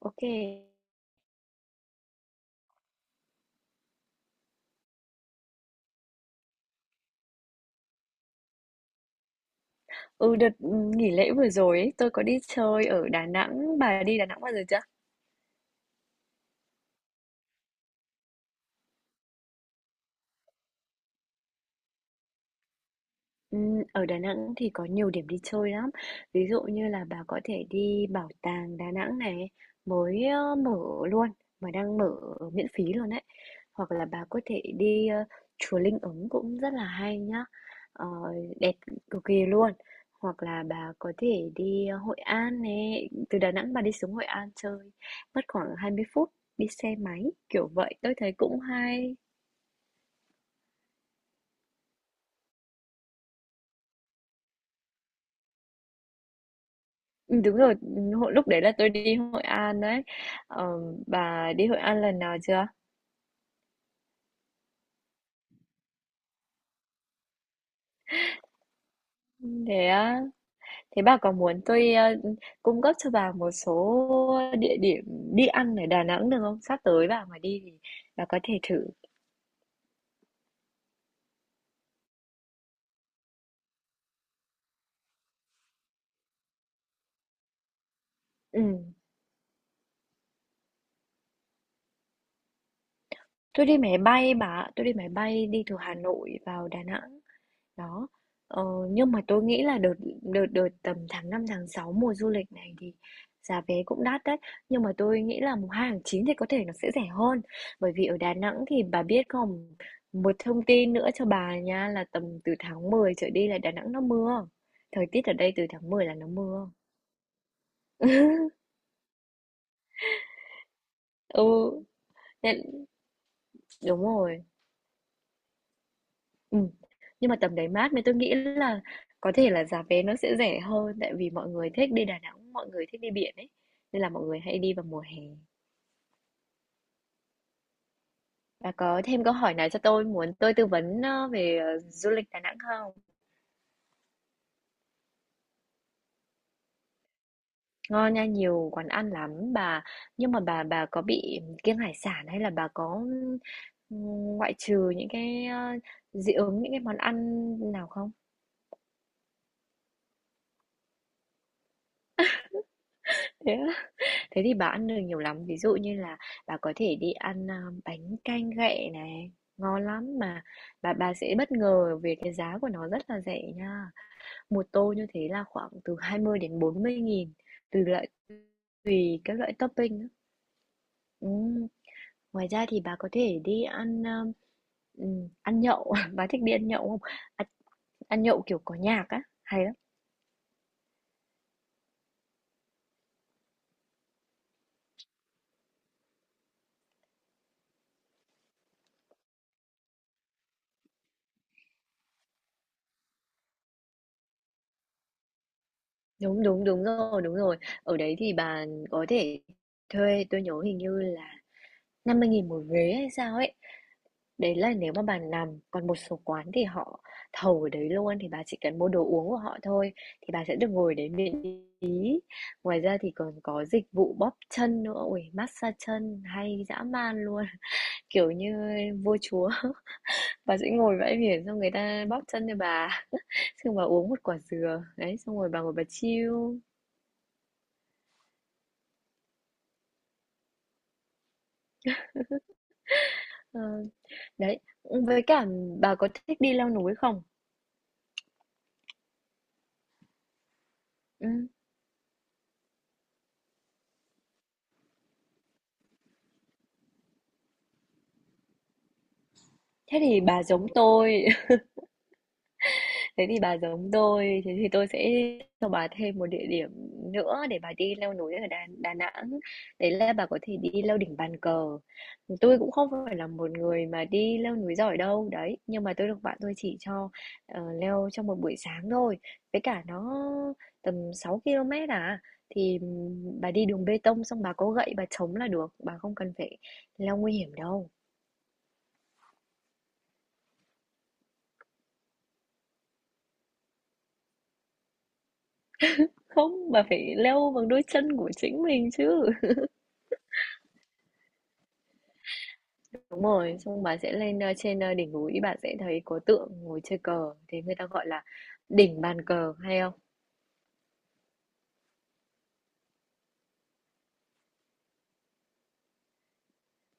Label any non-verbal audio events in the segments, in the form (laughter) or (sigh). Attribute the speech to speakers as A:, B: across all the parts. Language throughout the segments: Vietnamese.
A: OK. Ừ, đợt ừ, nghỉ lễ vừa rồi ấy, tôi có đi chơi ở Đà Nẵng, bà đi Đà Nẵng bao giờ chưa? Ở Đà Nẵng thì có nhiều điểm đi chơi lắm. Ví dụ như là bà có thể đi Bảo tàng Đà Nẵng này, mới mở luôn, mà đang mở miễn phí luôn đấy. Hoặc là bà có thể đi, chùa Linh Ứng cũng rất là hay nhá, ờ, đẹp cực kỳ luôn. Hoặc là bà có thể đi, Hội An này, từ Đà Nẵng bà đi xuống Hội An chơi mất khoảng 20 phút đi xe máy, kiểu vậy. Tôi thấy cũng hay. Đúng rồi, hồi lúc đấy là tôi đi Hội An đấy. Ờ, bà đi Hội An lần nào chưa? Ừ, thế á, thế bà có muốn tôi, cung cấp cho bà một số địa điểm đi ăn ở Đà Nẵng được không? Sắp tới bà mà đi thì bà có thể thử. Ừm, tôi đi máy bay bà ạ, tôi đi máy bay đi từ Hà Nội vào Đà Nẵng. Đó, ờ, nhưng mà tôi nghĩ là đợt đợt đợt tầm tháng 5 tháng 6 mùa du lịch này thì giá vé cũng đắt đấy. Nhưng mà tôi nghĩ là mùng 2 tháng 9 thì có thể nó sẽ rẻ hơn. Bởi vì ở Đà Nẵng thì bà biết không, một thông tin nữa cho bà nha là tầm từ tháng 10 trở đi là Đà Nẵng nó mưa. Thời tiết ở đây từ tháng 10 là nó mưa. (laughs) Ừ, nên- Đúng rồi. Ừm, nhưng mà tầm đấy mát nên tôi nghĩ là có thể là giá vé nó sẽ rẻ hơn, tại vì mọi người thích đi Đà Nẵng, mọi người thích đi biển ấy, nên là mọi người hay đi vào mùa hè. Bà có thêm câu hỏi nào cho tôi, muốn tôi tư vấn, về du lịch Đà Nẵng không? Ngon nha, nhiều quán ăn lắm bà. Nhưng mà bà có bị kiêng hải sản hay là bà có, ừm, ngoại trừ những cái, dị ứng những cái món ăn nào không? Thế á? Thế thì bà ăn được nhiều lắm, ví dụ như là bà có thể đi ăn, bánh canh ghẹ này, ngon lắm mà bà sẽ bất ngờ về cái giá của nó rất là rẻ nha. Một tô như thế là khoảng từ 20 đến 40 nghìn tùy loại, tùy các loại topping á. Ừm, Ngoài ra thì bà có thể đi ăn, ăn nhậu, (laughs) bà thích đi ăn nhậu không? Ăn ăn nhậu, kiểu, có nhạc á, hay lắm. Đúng, đúng, đúng rồi, đúng rồi. Ở đấy thì bà có thể thuê, tôi nhớ hình như là 50 nghìn một ghế hay sao ấy. Đấy là nếu mà bà nằm, còn một số quán thì họ thầu ở đấy luôn thì bà chỉ cần mua đồ uống của họ thôi thì bà sẽ được ngồi đấy miễn phí. Ngoài ra thì còn có dịch vụ bóp chân nữa, ui massage chân hay dã man luôn, (laughs) kiểu như vua chúa. (laughs) Bà sẽ ngồi bãi biển xong người ta bóp chân cho bà, (laughs) xong bà uống một quả dừa, đấy xong rồi bà ngồi bà chill. Ờ, đấy, với cả bà có thích đi leo núi không? Ừ. Thế thì bà giống tôi Thế thì bà giống tôi, thế thì tôi sẽ cho bà thêm một địa điểm nữa để bà đi leo núi ở Đà Nẵng. Đấy là bà có thể đi leo đỉnh Bàn Cờ. Tôi cũng không phải là một người mà đi leo núi giỏi đâu, đấy. Nhưng mà tôi được bạn tôi chỉ cho leo trong một buổi sáng thôi. Với cả nó tầm 6 km à. Thì bà đi đường bê tông xong bà có gậy bà chống là được. Bà không cần phải leo nguy hiểm đâu. Không, bà phải leo bằng đôi chân của chính mình chứ. Đúng rồi, xong bạn sẽ lên, trên đỉnh núi, bạn sẽ thấy có tượng ngồi chơi cờ, thế người ta gọi là đỉnh Bàn Cờ, hay không?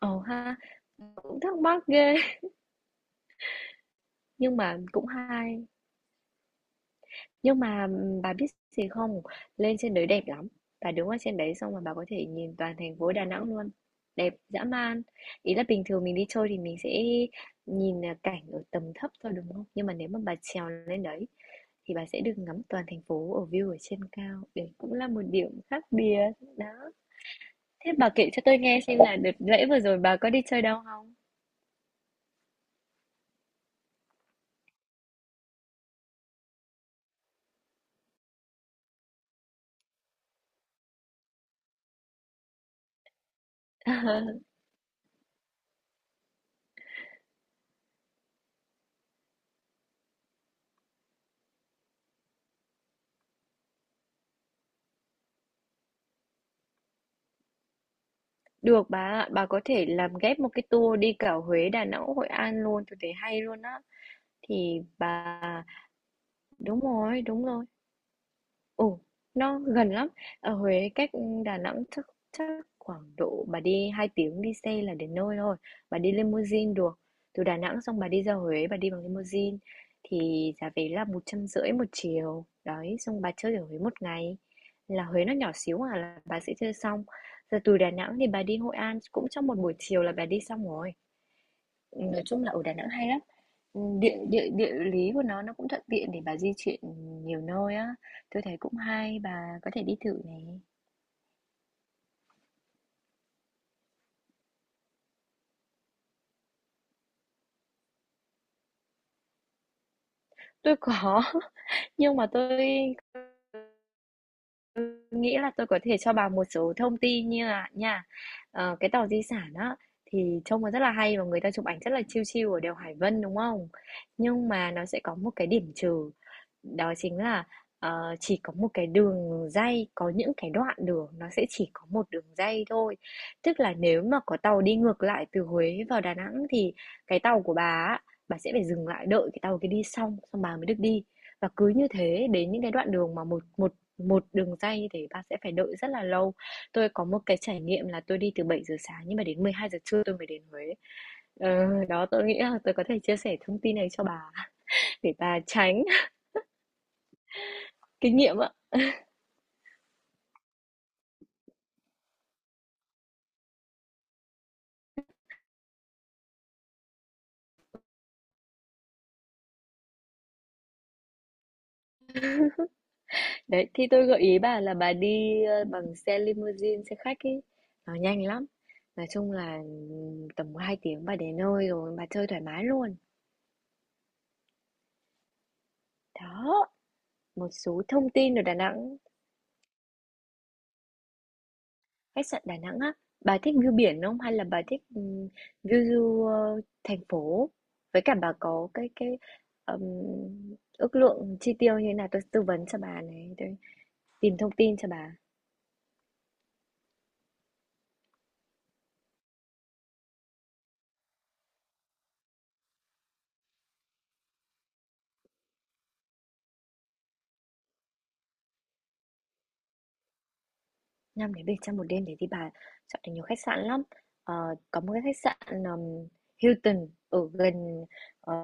A: Ờ ha, cũng thắc mắc ghê, (laughs) nhưng mà cũng hay. Nhưng mà, bà biết gì không? Lên trên đấy đẹp lắm. Bà đứng ở trên đấy xong mà bà có thể nhìn toàn thành phố Đà Nẵng luôn. Đẹp dã man. Ý là bình thường mình đi chơi thì mình sẽ nhìn à, cảnh ở tầm thấp thôi đúng không? Nhưng mà nếu mà bà trèo lên đấy thì bà sẽ được ngắm toàn thành phố ở view ở trên cao. Đấy cũng là một điểm khác biệt. Đó. Thế bà kể cho tôi nghe xem là đợt lễ vừa rồi bà có đi chơi đâu không? (laughs) Được bà ạ, bà có thể làm ghép một cái tour đi cả Huế, Đà Nẵng, Hội An luôn, tôi thấy hay luôn á. Thì bà Đúng rồi, đúng rồi. Ừ, nó gần lắm. Ở Huế cách Đà Nẵng chắc chắc khoảng độ bà đi 2 tiếng đi xe là đến nơi thôi. Bà đi limousine được. Từ Đà Nẵng xong bà đi ra Huế, bà đi bằng limousine thì giá vé là 150 nghìn một chiều. Đấy, xong bà chơi ở Huế một ngày. Là Huế nó nhỏ xíu à là bà sẽ chơi xong. Giờ từ Đà Nẵng thì bà đi Hội An cũng trong một buổi chiều là bà đi xong rồi. Nói chung là ở Đà Nẵng hay lắm. Ừ, địa địa địa lý của nó cũng thuận tiện để bà di chuyển nhiều nơi á, tôi thấy cũng hay, bà có thể đi thử này. Tôi có. (laughs) Nhưng mà tôi nghĩ là tôi có thể cho bà một số thông tin như là nha, cái tàu di sản á thì trông nó rất là hay và người ta chụp ảnh rất là chill chill ở đèo Hải Vân đúng không? Nhưng mà nó sẽ có một cái điểm trừ, đó chính là chỉ có một cái đường ray, có những cái đoạn đường nó sẽ chỉ có một đường ray thôi. Tức là nếu mà có tàu đi ngược lại từ Huế vào Đà Nẵng thì cái tàu của bà á, bà sẽ phải dừng lại đợi cái tàu kia đi xong xong bà mới được đi. Và cứ như thế đến những cái đoạn đường mà một một một đường dây như thế bạn sẽ phải đợi rất là lâu. Tôi có một cái trải nghiệm là tôi đi từ 7 giờ sáng nhưng mà đến 12 giờ trưa tôi mới đến Huế. Ờ, tôi nghĩ là tôi có thể chia sẻ thông tin này cho bà để bà tránh (laughs) kinh nghiệm ạ. Đấy, thì tôi gợi ý bà là bà đi, bằng xe limousine, xe khách ấy, nó nhanh lắm. Nói chung là, tầm 2 tiếng bà đến nơi rồi, bà chơi thoải mái luôn. Đó, một số thông tin ở Đà Nẵng. Khách sạn Đà Nẵng á, bà thích view biển không hay là bà thích, view thành phố? Với cả bà có cái, ừm, ước lượng chi tiêu như thế nào, tôi tư vấn cho bà này, tôi tìm thông tin cho bà. 5 đến Bỉ trong một đêm thế thì bà chọn được nhiều khách sạn lắm. Ờ, có một cái khách sạn Hilton ở gần ờ,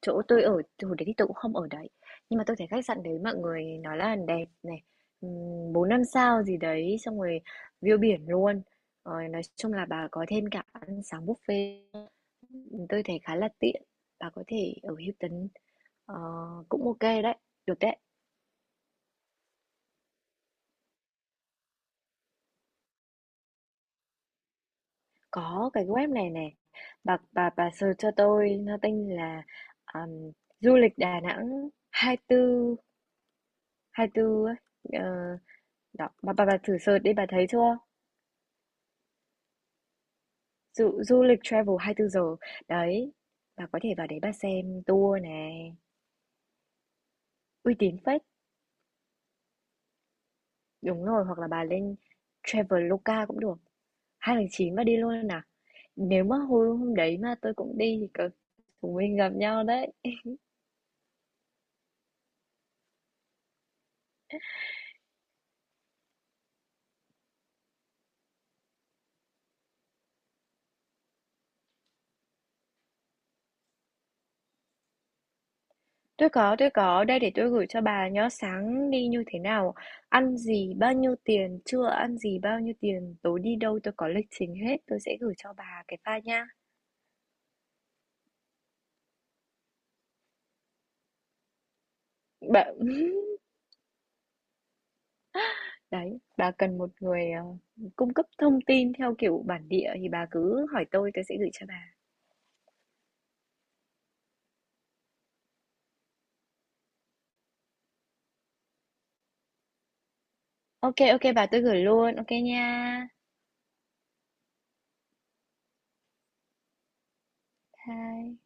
A: chỗ tôi ở, thì hồi đấy thì tôi cũng không ở đấy. Nhưng mà tôi thấy khách sạn đấy mọi người nói là đẹp này, 4 5 sao gì đấy, xong rồi view biển luôn. Ờ, nói chung là bà có thêm cả ăn sáng buffet. Tôi thấy khá là tiện. Bà có thể ở Hilton ờ, cũng ok đấy, được đấy. Có cái web này nè, bà search cho tôi, nó tên là, ờm, du lịch Đà Nẵng hai tư ấy, ờ, đó, bà thử search đi, bà thấy chưa? Du Du lịch travel 24 giờ. Đấy, bà có thể vào đấy bà xem tour này, uy tín phết. Đúng rồi, hoặc là bà lên Traveloka cũng được. 2 tháng 9 bà đi luôn nè. Nếu mà hôm hôm đấy mà tôi cũng đi thì có chúng mình gặp nhau đấy. Tôi có, tôi có. Đây để tôi gửi cho bà nhá. Sáng đi như thế nào, ăn gì, bao nhiêu tiền, trưa ăn gì, bao nhiêu tiền, tối đi đâu, tôi có lịch trình hết. Tôi sẽ gửi cho bà cái file nha. Bà... (laughs) Đấy, bà cần một người cung cấp thông tin theo kiểu bản địa thì bà cứ hỏi tôi sẽ gửi cho bà. Ok, ok bà, tôi gửi luôn. Ok nha. Bye.